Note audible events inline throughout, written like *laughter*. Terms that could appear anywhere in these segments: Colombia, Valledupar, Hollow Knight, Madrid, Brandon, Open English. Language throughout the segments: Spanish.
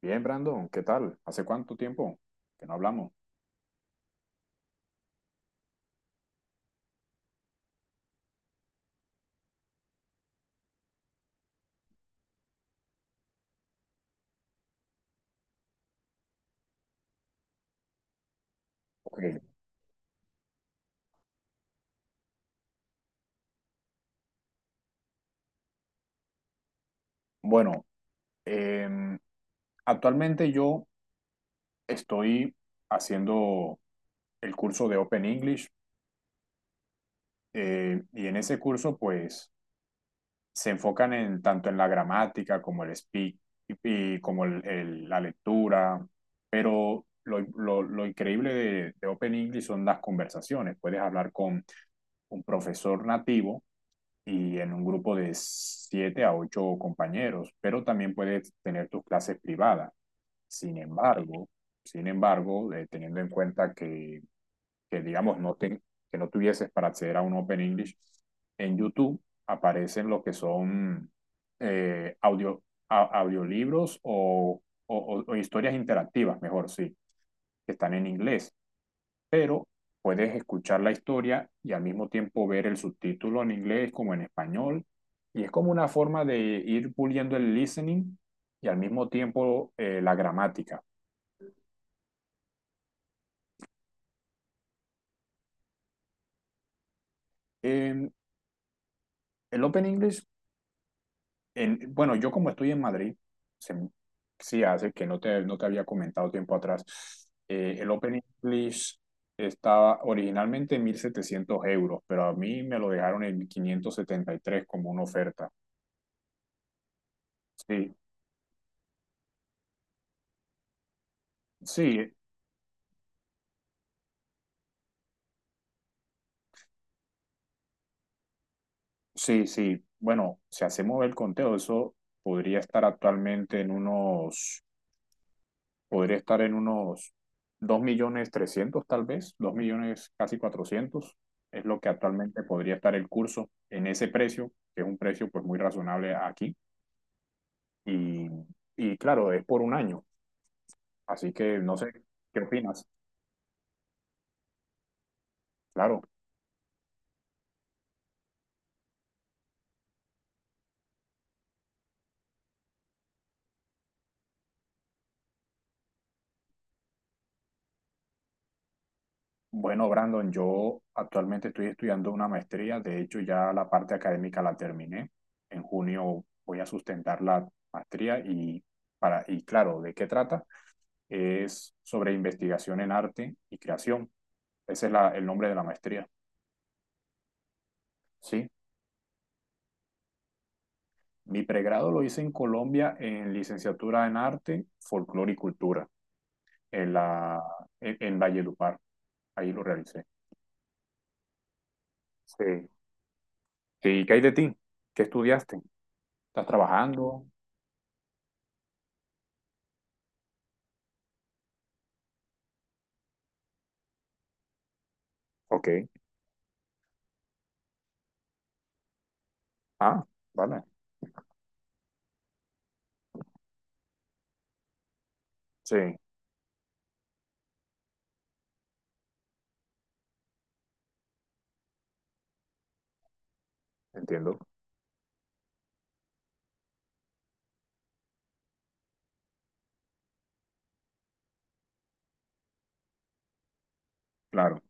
Bien, Brandon, ¿qué tal? ¿Hace cuánto tiempo que no hablamos? Ok. Bueno, em, actualmente yo estoy haciendo el curso de Open English. Y en ese curso pues se enfocan en tanto en la gramática como el speak y, y como la lectura, pero lo increíble de Open English son las conversaciones. Puedes hablar con un profesor nativo y en un grupo de siete a ocho compañeros, pero también puedes tener tus clases privadas. Sin embargo, sin embargo, teniendo en cuenta que digamos, que no tuvieses para acceder a un Open English, en YouTube aparecen lo que son eh, audio, audiolibros o historias interactivas, mejor sí, que están en inglés, pero puedes escuchar la historia y al mismo tiempo ver el subtítulo en inglés como en español. Y es como una forma de ir puliendo el listening y al mismo tiempo la gramática. En el Open English, bueno, yo como estoy en Madrid, se, sí hace que no te había comentado tiempo atrás, el Open English estaba originalmente en 1.700 euros, pero a mí me lo dejaron en 573 como una oferta. Sí, sí. Sí, sí. Bueno, si hacemos el conteo, eso podría estar actualmente podría estar en unos 2.300.000 tal vez, 2.000.000 casi 400 es lo que actualmente podría estar el curso en ese precio, que es un precio pues muy razonable aquí. Y, y claro, es por un año, así que no sé, ¿qué opinas? Claro. Bueno, Brandon, yo actualmente estoy estudiando una maestría, de hecho ya la parte académica la terminé. En junio voy a sustentar la maestría y, para, y claro, ¿de qué trata? Es sobre investigación en arte y creación. Ese es el nombre de la maestría. Sí, mi pregrado lo hice en Colombia en licenciatura en arte, folclore y cultura, en la, en Valledupar. Ahí lo realicé. Sí. Sí, ¿qué hay de ti? ¿Qué estudiaste? ¿Estás trabajando? Ok. Ah, vale. Sí, entiendo. Claro.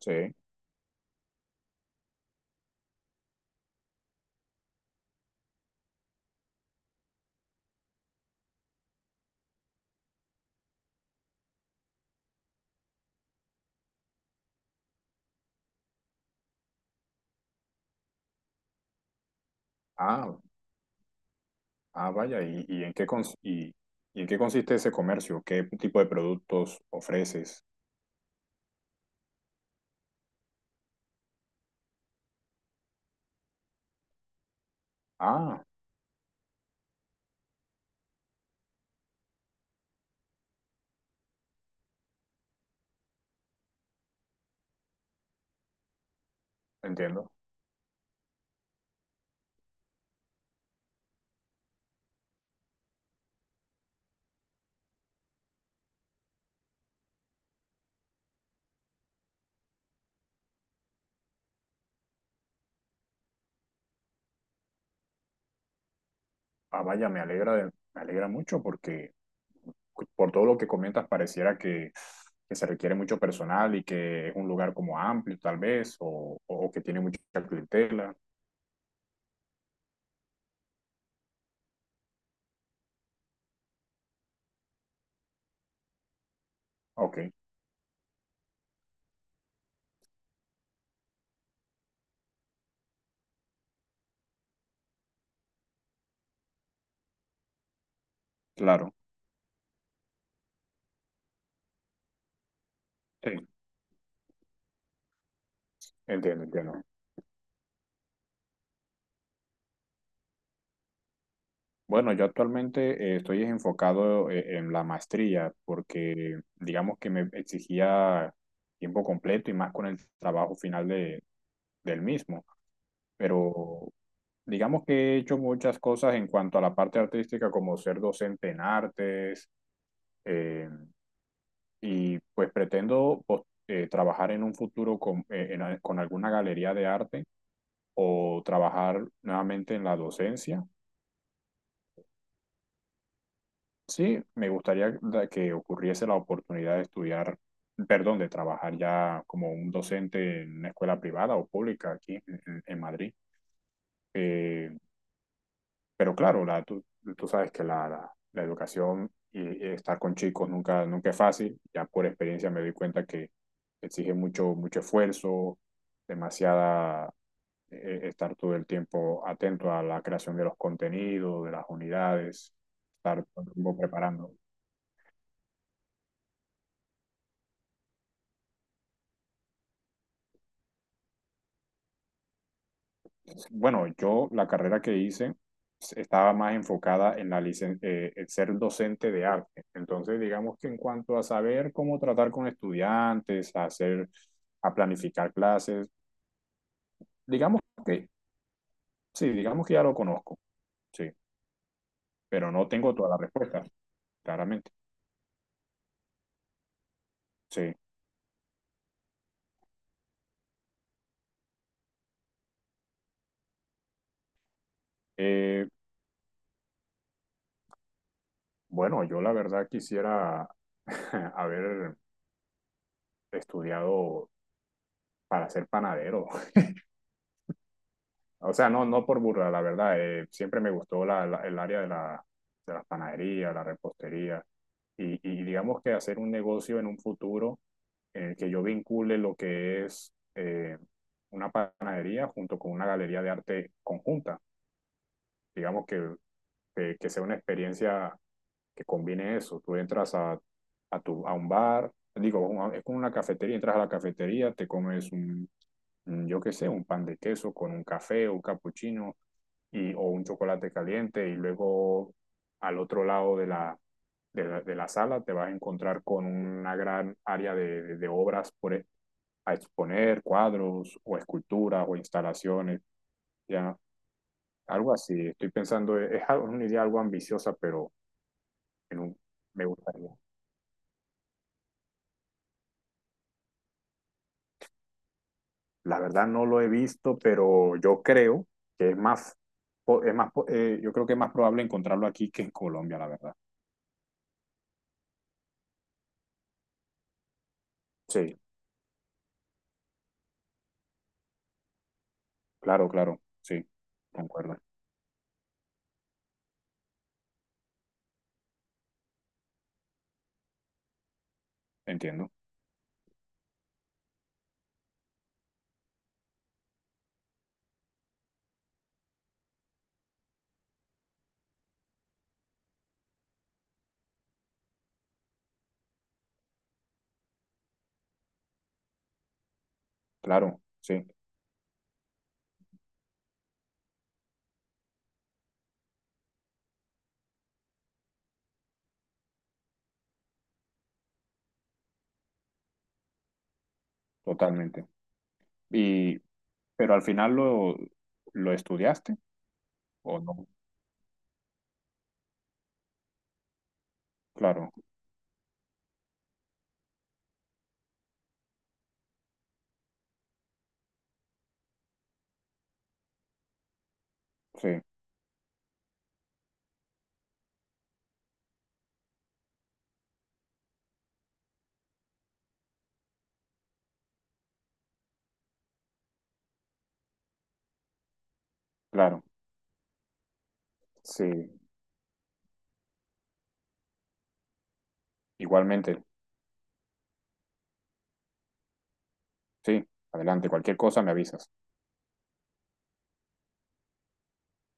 Sí. Ah, ah, vaya. ¿Y en qué consiste ese comercio? ¿Qué tipo de productos ofreces? Ah, entiendo. Ah, vaya, me alegra mucho porque por todo lo que comentas pareciera que se requiere mucho personal y que es un lugar como amplio tal vez, o que tiene mucha clientela. Ok, claro. Sí, entiendo, entiendo. Bueno, yo actualmente estoy enfocado en la maestría porque digamos que me exigía tiempo completo y más con el trabajo final del mismo. Pero digamos que he hecho muchas cosas en cuanto a la parte artística como ser docente en artes eh, y pues trabajar en un futuro con alguna galería de arte o trabajar nuevamente en la docencia. Sí, que ocurriese la oportunidad de estudiar, perdón, de trabajar ya como un docente en una escuela privada o pública aquí en Madrid. Eh, pero claro, tú, tú sabes que la educación y estar con chicos nunca es fácil. Ya por experiencia me doy cuenta que exige mucho esfuerzo, demasiada estar todo el tiempo atento a la creación de los contenidos, de las unidades, estar todo el tiempo preparando. Bueno, yo la carrera que hice estaba más enfocada en en ser docente de arte. Entonces, digamos que en cuanto a saber cómo tratar con estudiantes, a hacer, a planificar clases, digamos que sí, digamos que ya lo conozco, sí, pero no tengo todas las respuestas, claramente, sí. Eh, bueno, yo la verdad quisiera *laughs* haber estudiado para ser panadero. O sea, no, no por burla, la verdad. Siempre me gustó el área de la panadería, la repostería. Y digamos que hacer un negocio en un futuro en el que yo vincule lo que es una panadería junto con una galería de arte conjunta. Digamos que, que sea una experiencia que combine eso. Tú entras a un bar, digo, es como una cafetería, entras a la cafetería, te comes yo qué sé, un pan de queso con un café, un capuchino y, o un chocolate caliente y luego al otro lado de la sala te vas a encontrar con una gran área de obras por, a exponer, cuadros o esculturas o instalaciones, ya algo así. Estoy pensando, es una idea algo ambiciosa, pero en un- me gustaría. La verdad no lo he visto, pero yo creo que es yo creo que es más probable encontrarlo aquí que en Colombia, la verdad. Sí, claro, claro, sí, concuerdo, entiendo. Claro, sí, totalmente. Y, pero al final lo estudiaste o no? Claro, sí, claro, sí. Igualmente, sí, adelante, cualquier cosa me avisas.